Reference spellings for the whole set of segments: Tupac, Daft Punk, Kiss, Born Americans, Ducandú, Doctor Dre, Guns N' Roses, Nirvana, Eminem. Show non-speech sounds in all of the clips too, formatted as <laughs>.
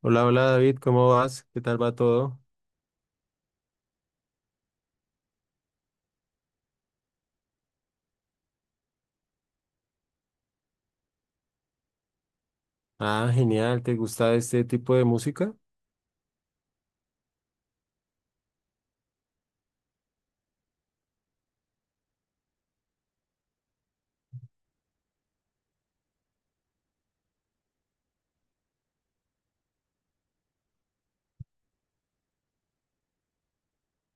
Hola, hola David, ¿cómo vas? ¿Qué tal va todo? Ah, genial, ¿te gusta este tipo de música?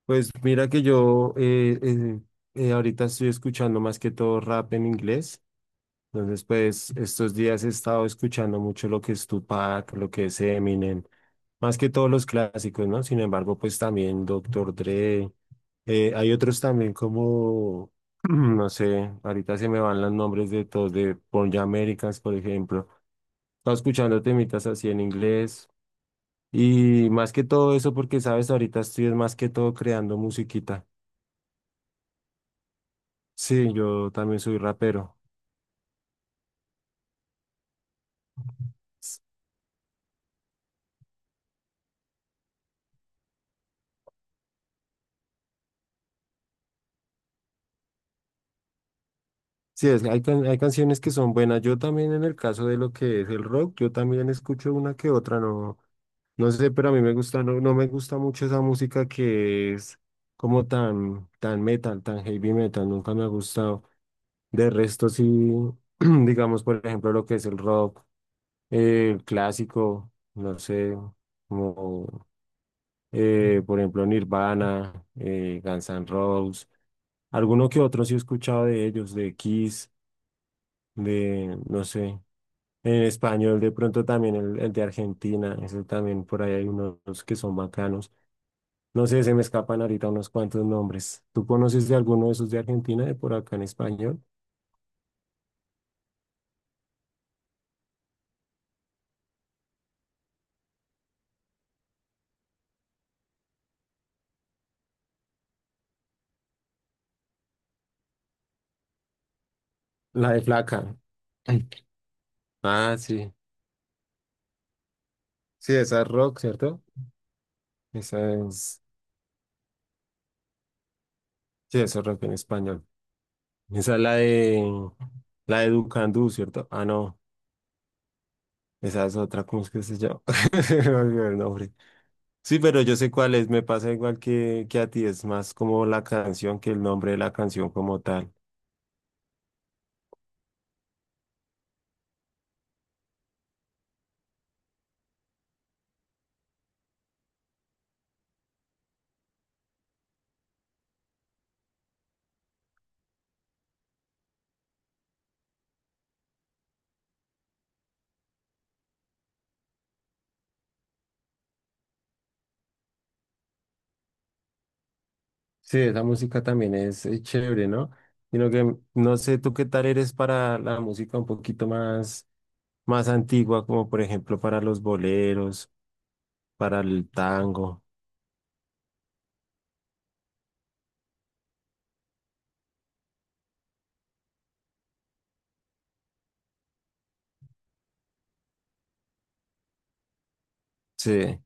Pues mira que yo ahorita estoy escuchando más que todo rap en inglés, entonces pues estos días he estado escuchando mucho lo que es Tupac, lo que es Eminem, más que todos los clásicos, ¿no? Sin embargo, pues también Doctor Dre, hay otros también <clears throat> no sé, ahorita se me van los nombres de todos, de Born Americans, por ejemplo. Estaba escuchando temitas así en inglés. Y más que todo eso, porque sabes, ahorita estoy es más que todo creando musiquita. Sí, yo también soy rapero. S- Sí, hay canciones que son buenas. Yo también en el caso de lo que es el rock, yo también escucho una que otra, no, no sé, pero a mí me gusta, no, no me gusta mucho esa música que es como tan metal, tan heavy metal, nunca me ha gustado. De resto, sí. <clears throat> Digamos, por ejemplo, lo que es el rock. Clásico, no sé, como por ejemplo Nirvana, Guns N' Roses, alguno que otro sí he escuchado de ellos, de Kiss, de no sé, en español de pronto también el de Argentina, ese también por ahí hay unos que son bacanos. No sé, se me escapan ahorita unos cuantos nombres. ¿Tú conoces de alguno de esos de Argentina, de por acá en español? La de Flaca. <clears throat> Ah, sí. Sí, esa es rock, ¿cierto? Esa es. Sí, eso es rock en español. Esa es la de Ducandú, ¿cierto? Ah, no, esa es otra, ¿cómo es que se llama? <laughs> Se me olvidó el nombre. Sí, pero yo sé cuál es, me pasa igual que a ti, es más como la canción que el nombre de la canción como tal. Sí, esa música también es, chévere, ¿no? Sino que no sé tú qué tal eres para la música un poquito más antigua, como por ejemplo para los boleros, para el tango. Sí.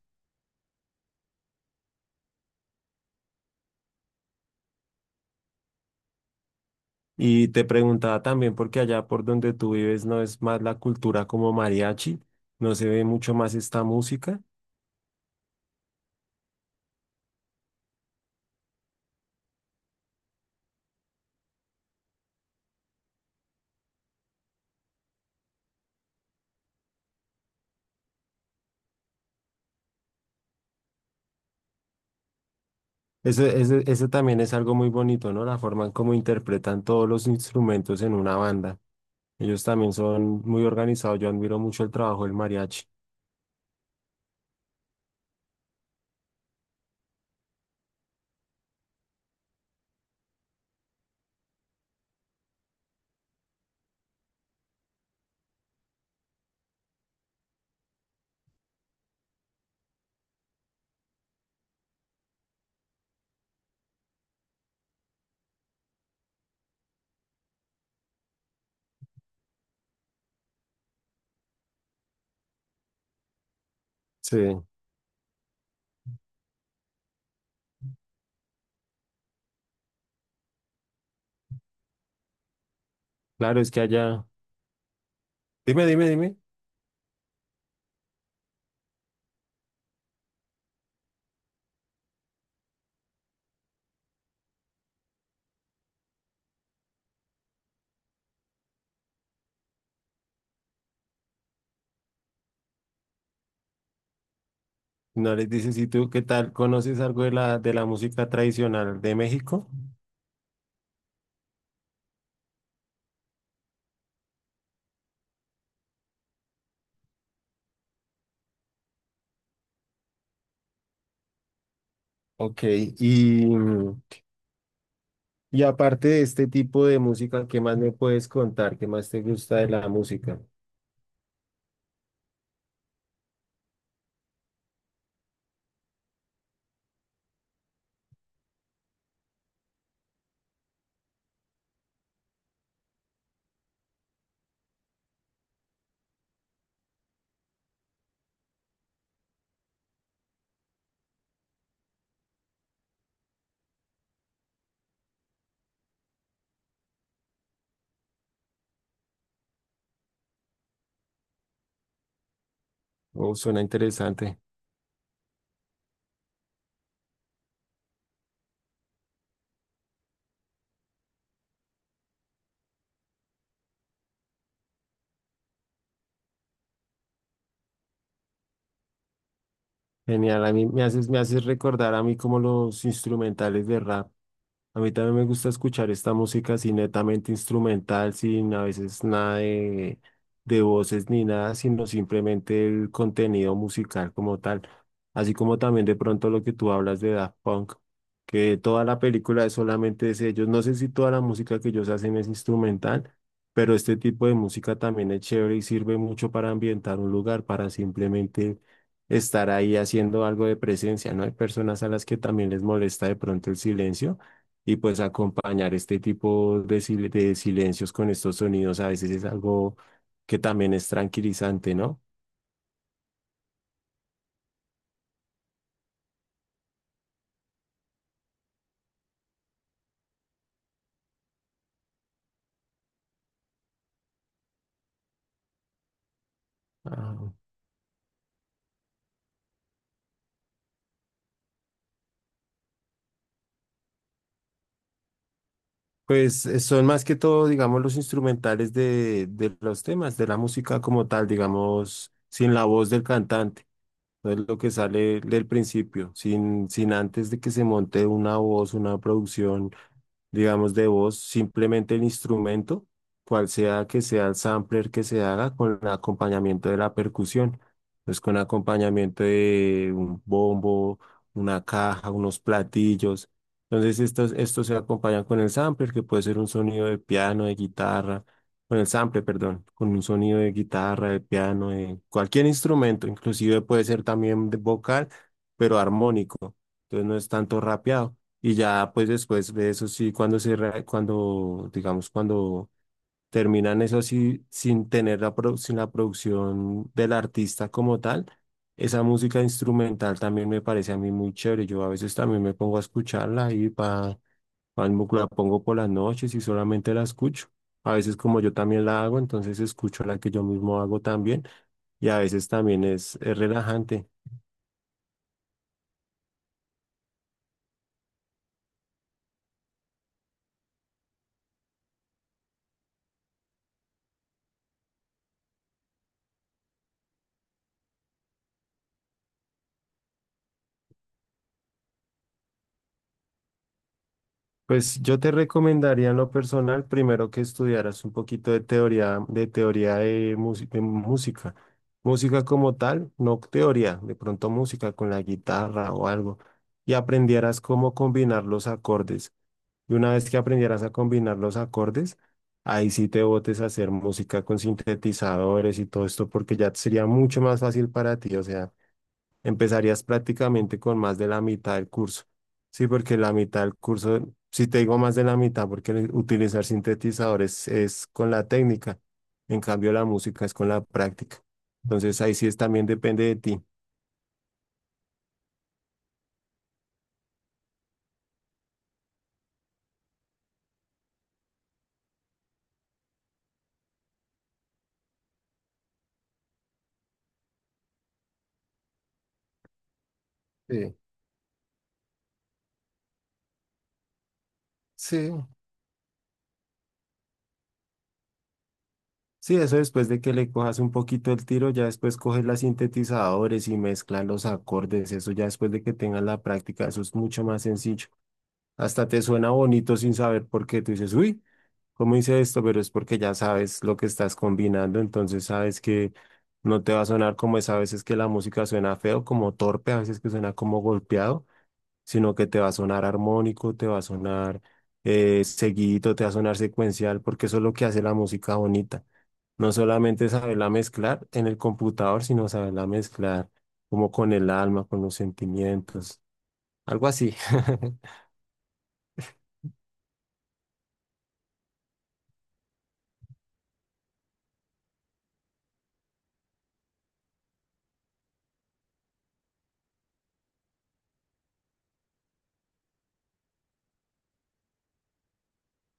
Y te preguntaba también, porque allá por donde tú vives no es más la cultura como mariachi, no se ve mucho más esta música. Eso también es algo muy bonito, ¿no? La forma en cómo interpretan todos los instrumentos en una banda. Ellos también son muy organizados. Yo admiro mucho el trabajo del mariachi. Sí, claro, es que allá. Dime, dime, dime. No les dices, ¿y tú qué tal? ¿Conoces algo de de la música tradicional de México? Ok, y aparte de este tipo de música, ¿qué más me puedes contar? ¿Qué más te gusta de la música? Oh, suena interesante. Genial. A mí me haces recordar a mí como los instrumentales de rap. A mí también me gusta escuchar esta música así netamente instrumental, sin a veces nada de voces ni nada, sino simplemente el contenido musical como tal. Así como también de pronto lo que tú hablas de Daft Punk, que toda la película es solamente de ellos. No sé si toda la música que ellos hacen es instrumental, pero este tipo de música también es chévere y sirve mucho para ambientar un lugar, para simplemente estar ahí haciendo algo de presencia, ¿no? Hay personas a las que también les molesta de pronto el silencio y pues acompañar este tipo de silencios con estos sonidos a veces es algo que también es tranquilizante, ¿no? Ah, pues son más que todo, digamos, los instrumentales de los temas, de la música como tal, digamos, sin la voz del cantante. No es lo que sale del principio, sin antes de que se monte una voz, una producción, digamos, de voz, simplemente el instrumento, cual sea que sea el sampler que se haga, con el acompañamiento de la percusión, pues con acompañamiento de un bombo, una caja, unos platillos. Entonces, estos se acompañan con el sampler, que puede ser un sonido de piano, de guitarra con el sample, perdón, con un sonido de guitarra, de piano, de cualquier instrumento, inclusive puede ser también de vocal, pero armónico, entonces no es tanto rapeado. Y ya pues después de eso sí, cuando, digamos, cuando terminan eso así sin tener sin la producción del artista como tal. Esa música instrumental también me parece a mí muy chévere. Yo a veces también me pongo a escucharla y pa para, la pongo por las noches y solamente la escucho. A veces como yo también la hago, entonces escucho la que yo mismo hago también y a veces también es relajante. Pues yo te recomendaría en lo personal primero que estudiaras un poquito de teoría, de teoría de música. Música como tal, no teoría, de pronto música con la guitarra o algo, y aprendieras cómo combinar los acordes. Y una vez que aprendieras a combinar los acordes, ahí sí te botes a hacer música con sintetizadores y todo esto, porque ya sería mucho más fácil para ti. O sea, empezarías prácticamente con más de la mitad del curso. Sí, porque la mitad del curso, si te digo más de la mitad, porque el utilizar sintetizadores es con la técnica. En cambio, la música es con la práctica. Entonces, ahí sí es también depende de ti. Sí, sí, Sí, eso después de que le cojas un poquito el tiro, ya después coges los sintetizadores y mezclas los acordes, eso ya después de que tengas la práctica, eso es mucho más sencillo. Hasta te suena bonito sin saber por qué. Tú dices, uy, ¿cómo hice esto? Pero es porque ya sabes lo que estás combinando, entonces sabes que no te va a sonar como es a veces que la música suena feo, como torpe, a veces que suena como golpeado, sino que te va a sonar armónico, te va a sonar seguidito, te va a sonar secuencial, porque eso es lo que hace la música bonita. No solamente saberla mezclar en el computador, sino saberla mezclar como con el alma, con los sentimientos, algo así. <laughs>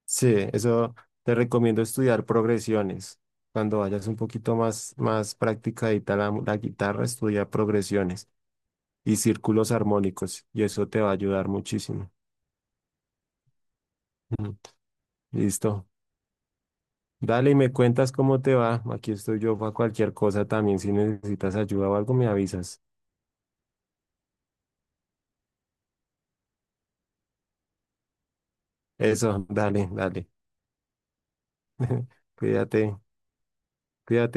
Sí, eso te recomiendo estudiar progresiones. Cuando vayas un poquito más practicadita la guitarra, estudia progresiones y círculos armónicos y eso te va a ayudar muchísimo. Ujú. Listo. Dale y me cuentas cómo te va. Aquí estoy yo para cualquier cosa también. Si necesitas ayuda o algo, me avisas. Eso, dale, dale. <laughs> Cuídate. Cuídate.